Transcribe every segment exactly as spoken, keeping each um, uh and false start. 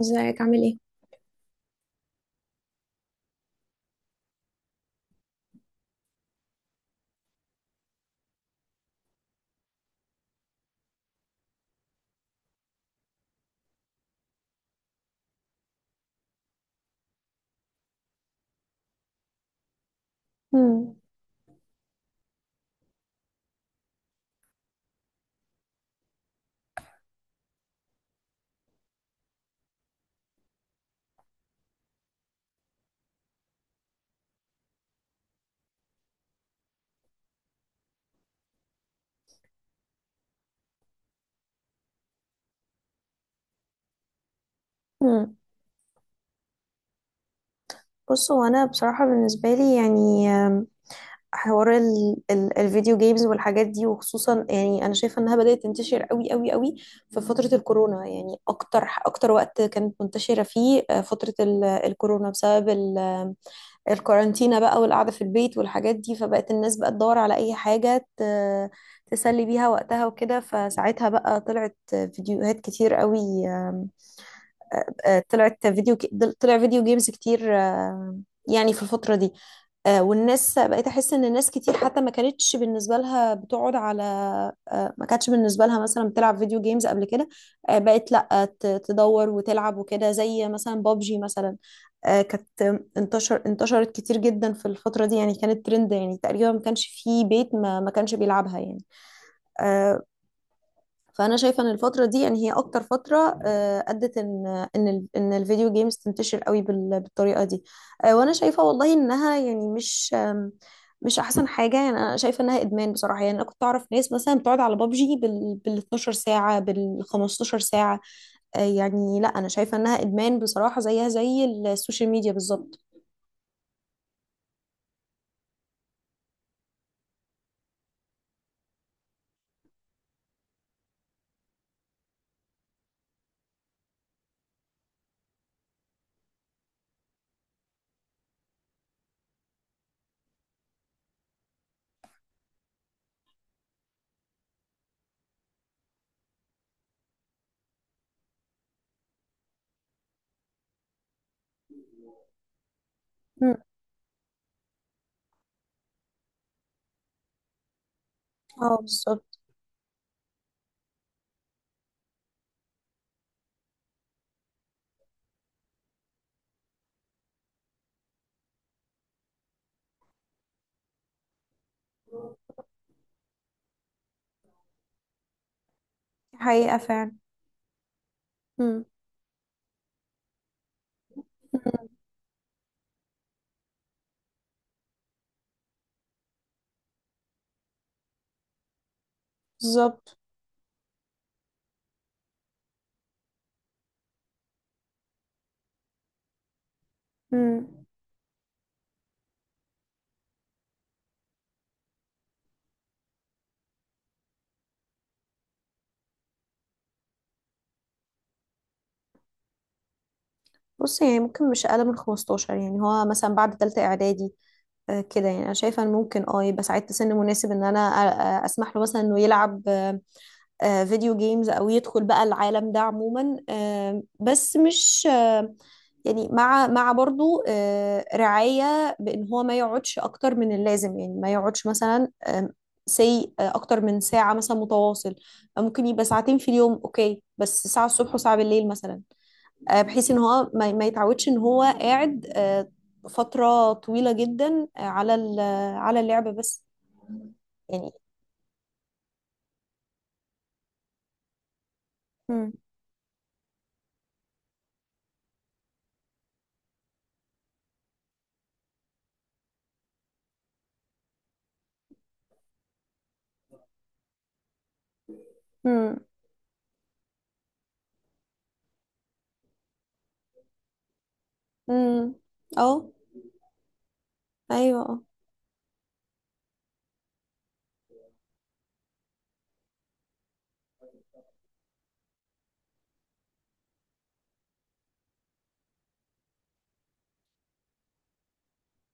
ازيك عامل ايه؟ مم. مم. بص هو انا بصراحة بالنسبة لي يعني آم، حوار ال ال الفيديو جيمز والحاجات دي، وخصوصا يعني انا شايفه انها بدات تنتشر قوي قوي قوي في فتره الكورونا، يعني اكتر اكتر وقت كانت منتشره فيه آه، فتره ال- الكورونا بسبب ال- الكورانتينا بقى والقعده في البيت والحاجات دي، فبقت الناس بقى تدور على اي حاجه ت- تسلي بيها وقتها وكده. فساعتها بقى طلعت فيديوهات كتير قوي، آه، طلعت فيديو طلع فيديو جيمز كتير آه، يعني في الفترة دي. آه، والناس بقيت، احس ان الناس كتير حتى ما كانتش بالنسبه لها بتقعد على، آه، ما كانتش بالنسبه لها مثلا بتلعب فيديو جيمز قبل كده، آه، بقت لا ت- تدور وتلعب وكده، زي مثلا بابجي مثلا. آه، كانت انتشر انتشرت كتير جدا في الفتره دي، يعني كانت ترند، يعني تقريبا ما كانش في بيت ما ما كانش بيلعبها يعني. آه، فانا شايفه ان الفتره دي يعني هي اكتر فتره آه، ادت ان ان ال- ان الفيديو جيمز تنتشر قوي بال- بالطريقه دي. آه، وانا شايفه والله انها يعني مش، آم، مش احسن حاجه. يعني انا شايفه انها ادمان بصراحه. يعني انا كنت اعرف ناس مثلا بتقعد على بابجي بال بال اتناشر ساعة ساعه، بال خمستاشر ساعة ساعه. آه، يعني لا، انا شايفه انها ادمان بصراحه، زيها زي السوشيال ميديا بالظبط. مم. اه، بالظبط. حقيقة فعلا. مم. مم. بالظبط. مم. بص، يعني ممكن مش اقل من خمسة عشر، يعني هو مثلا بعد تالتة اعدادي آه، كده. يعني انا شايفه ان ممكن اه يبقى ساعتها سن مناسب ان انا أ- أ- اسمح له مثلا انه يلعب آه، آه، فيديو جيمز، او يدخل بقى العالم ده عموما. آه، بس مش آه، يعني، مع مع برضو آه، رعاية بأن هو ما يقعدش أكتر من اللازم. يعني ما يقعدش مثلا سي أكتر من ساعة مثلا متواصل، أو ممكن يبقى ساعتين في اليوم، أوكي، بس ساعة الصبح وساعة بالليل مثلا. آه، بحيث ان هو ما ما يتعودش ان هو قاعد آه، فترة طويلة جدا آه، على ال- على اللعبة بس يعني. مم. مم. امم. اه. ايوه. اه.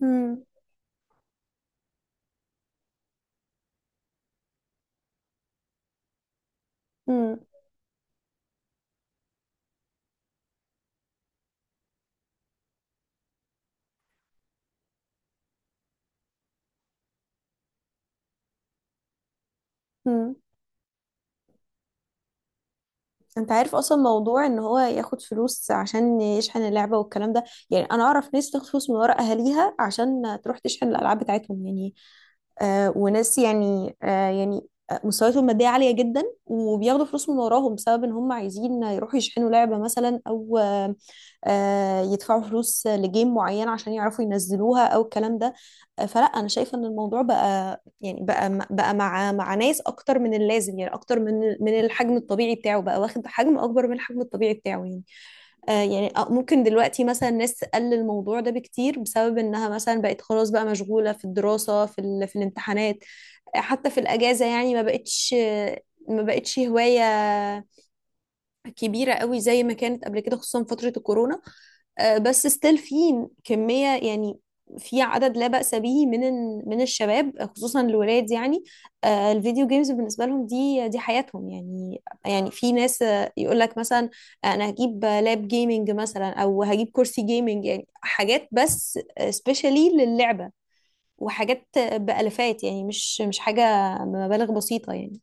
مم. مم. مم. انت عارف اصلا موضوع ان هو ياخد فلوس عشان يشحن اللعبة والكلام ده؟ يعني انا اعرف ناس تاخد فلوس من ورا اهاليها عشان تروح تشحن الالعاب بتاعتهم، يعني آه، وناس يعني آه، يعني آه، مستوياتهم المادية عالية جدا، وبياخدوا فلوس من وراهم بسبب ان هم عايزين يروحوا يشحنوا لعبة مثلا، او آه، آه، يدفعوا فلوس لجيم معين عشان يعرفوا ينزلوها او الكلام ده. آه، فلا، انا شايفة ان الموضوع بقى، يعني بقى بقى مع مع ناس اكتر من اللازم، يعني اكتر من من الحجم الطبيعي بتاعه، بقى واخد حجم اكبر من الحجم الطبيعي بتاعه يعني. آه، يعني آه، ممكن دلوقتي مثلا ناس تقلل الموضوع ده بكتير، بسبب انها مثلا بقت خلاص بقى مشغولة في الدراسة، في ال... في الامتحانات. آه، حتى في الأجازة، يعني ما بقتش ما بقتش هواية كبيرة قوي زي ما كانت قبل كده، خصوصا فترة الكورونا. آه، بس ستيل في كمية يعني، في عدد لا بأس به من ال- من الشباب، آه، خصوصا الولاد يعني. آه، الفيديو جيمز بالنسبة لهم دي دي حياتهم يعني. يعني في ناس آه، يقول لك مثلا آه، انا هجيب لاب جيمنج مثلا، او هجيب كرسي جيمنج، يعني حاجات بس سبيشالي للعبة، وحاجات بألفات يعني، مش مش حاجة بمبالغ بسيطة يعني.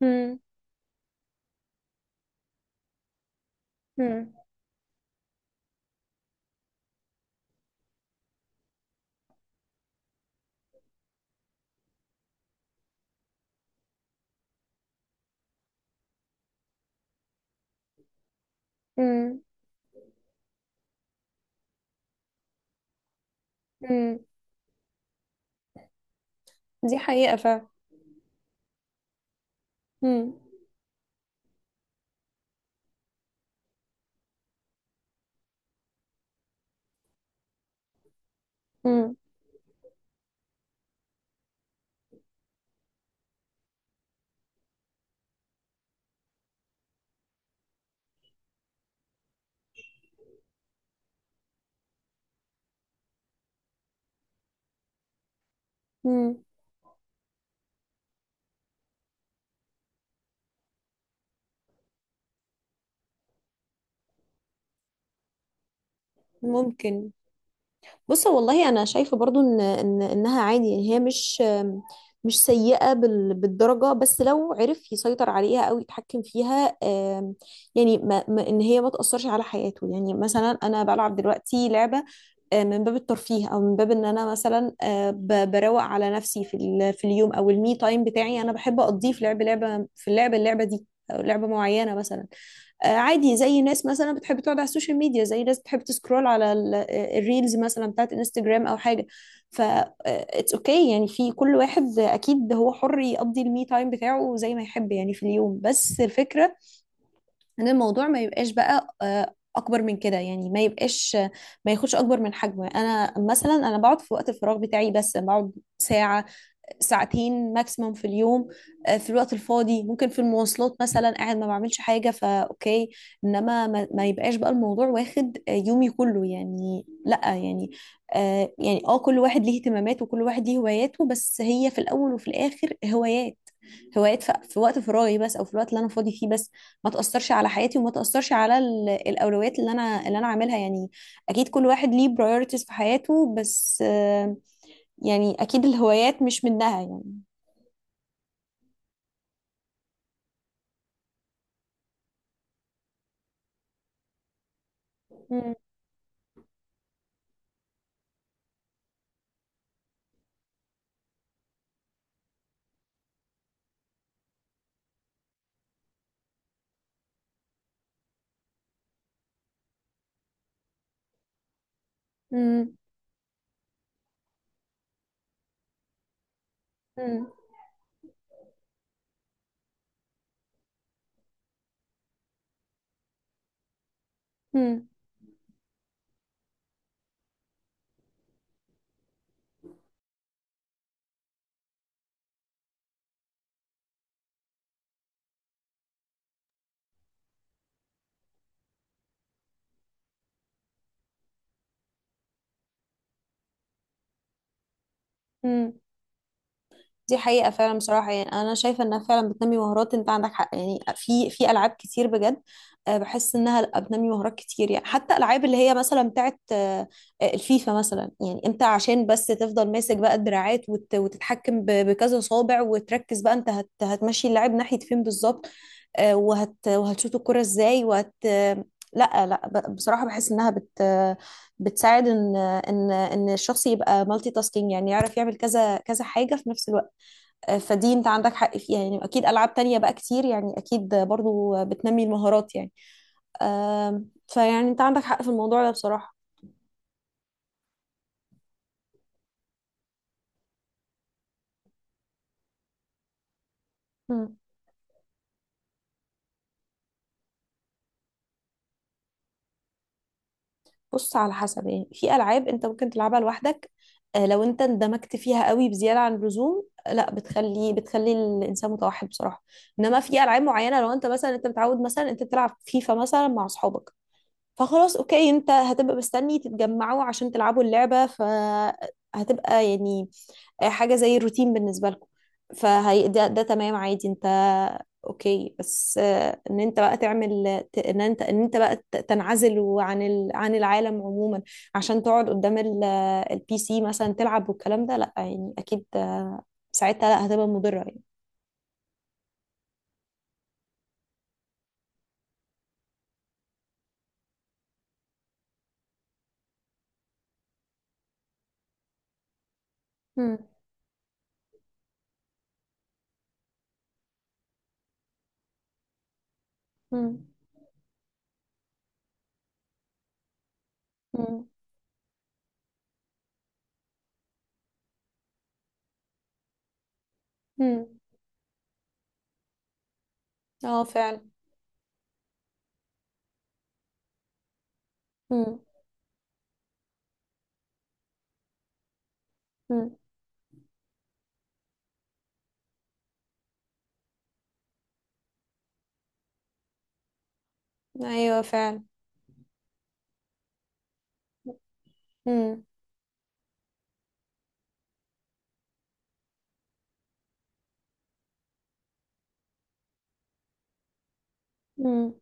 مم. مم. مم. مم. دي حقيقة فعلا. مم. مم. مم. ممكن. بص، والله انا شايفه برضو ان ان انها عادي، يعني هي مش مش سيئه بال- بالدرجه، بس لو عرف يسيطر عليها او يتحكم فيها. آم، يعني ما ما- ان هي ما تاثرش على حياته، يعني مثلا انا بلعب دلوقتي لعبه آه، من باب الترفيه، او من باب ان انا مثلا آه، ب- بروق على نفسي في ال- في اليوم، او المي تايم بتاعي انا بحب اقضيه في لعب لعبه، في اللعبه اللعبه دي او لعبه معينه مثلا. آه، عادي، زي ناس مثلا بتحب تقعد على السوشيال ميديا، زي ناس بتحب تسكرول على ال- آه، الريلز مثلا بتاعت انستجرام او حاجه. ف اتس اوكي يعني، في كل واحد اكيد هو حر يقضي المي تايم بتاعه زي ما يحب يعني في اليوم، بس الفكره ان الموضوع ما يبقاش بقى آه، اكبر من كده، يعني ما يبقاش، ما ياخدش اكبر من حجمه. انا مثلا انا بقعد في وقت الفراغ بتاعي بس، بقعد ساعه ساعتين ماكسيمم في اليوم. آه، في الوقت الفاضي، ممكن في المواصلات مثلا قاعد ما بعملش حاجة، فأوكي. إنما ما, ما يبقاش بقى الموضوع واخد آه، يومي كله يعني، لأ يعني. آه يعني اه كل واحد ليه اهتمامات، وكل واحد ليه هواياته، بس هي في الأول وفي الآخر هوايات. هوايات ف- في وقت فراغي بس، او في الوقت اللي انا فاضي فيه بس، ما تاثرش على حياتي وما تاثرش على ال- الاولويات اللي انا اللي انا عاملها يعني. اكيد كل واحد ليه برايورتيز في حياته، بس آه، يعني اكيد الهوايات مش منها يعني. مم. مم. مم. مم. مم. دي حقيقة فعلا بصراحة. يعني أنا شايفة إنها فعلا بتنمي مهارات، أنت عندك حق، يعني في في ألعاب كتير بجد آه، بحس إنها لأ، بتنمي مهارات كتير، يعني حتى ألعاب اللي هي مثلا بتاعت آه، آه، الفيفا مثلا. يعني أنت عشان بس تفضل ماسك بقى الدراعات، وت- وتتحكم ب- بكذا صابع، وتركز بقى أنت هت هتمشي اللاعب ناحية فين بالظبط، آه، وهت وهتشوط الكرة إزاي، وهت آه، لا لا، ب- بصراحة بحس إنها بت بتساعد إن إن إن الشخص يبقى مالتي تاسكينج، يعني يعرف يعمل كذا كذا حاجة في نفس الوقت. آه، فدي انت عندك حق فيها يعني، اكيد العاب تانية بقى كتير يعني، اكيد برضو بتنمي المهارات يعني. آم، فيعني انت عندك حق في الموضوع ده بصراحة. مم. بص، على حسب، يعني في العاب انت ممكن تلعبها لوحدك، آه، لو انت اندمجت فيها قوي بزياده عن اللزوم، آه، لا، بتخلي بتخلي الانسان متوحد بصراحه. انما في العاب معينه، لو انت مثلا انت متعود مثلا انت تلعب فيفا مثلا مع اصحابك، فخلاص اوكي، انت هتبقى مستني تتجمعوا عشان تلعبوا اللعبه، فهتبقى يعني آه، حاجة زي الروتين بالنسبة لكم. فهي ده, ده تمام عادي. انت اوكي، بس آه، ان انت بقى تعمل ت- ان انت، ان انت بقى ت- تنعزل عن ال... عن العالم عموما عشان تقعد قدام ال... البي سي مثلا تلعب والكلام ده، لا يعني، اكيد ساعتها لا هتبقى مضرة يعني. مم. مم. مم. مم. اه فعلا. مم. مم. ايوه فعلا. مم. مم.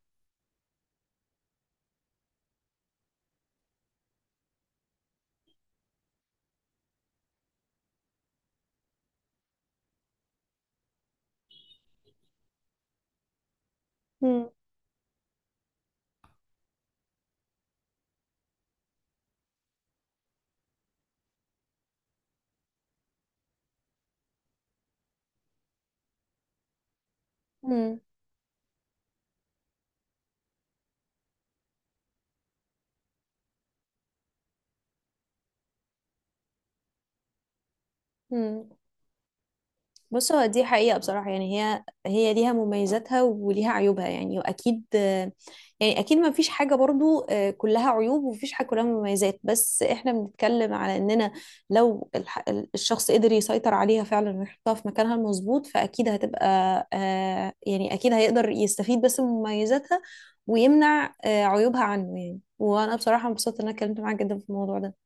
مم. مم. مم. بص، هو دي حقيقة بصراحة. يعني هي هي ليها مميزاتها وليها عيوبها يعني، وأكيد يعني، أكيد ما فيش حاجة برضو آه، كلها عيوب، ومفيش حاجة كلها مميزات، بس إحنا بنتكلم على إننا لو الح- الشخص قدر يسيطر عليها فعلا ويحطها في مكانها المظبوط، فأكيد هتبقى آه، يعني أكيد هيقدر يستفيد بس من مميزاتها، ويمنع آه، عيوبها عنه يعني. وأنا بصراحة مبسوطة إن أنا اتكلمت معاك جدا في الموضوع ده.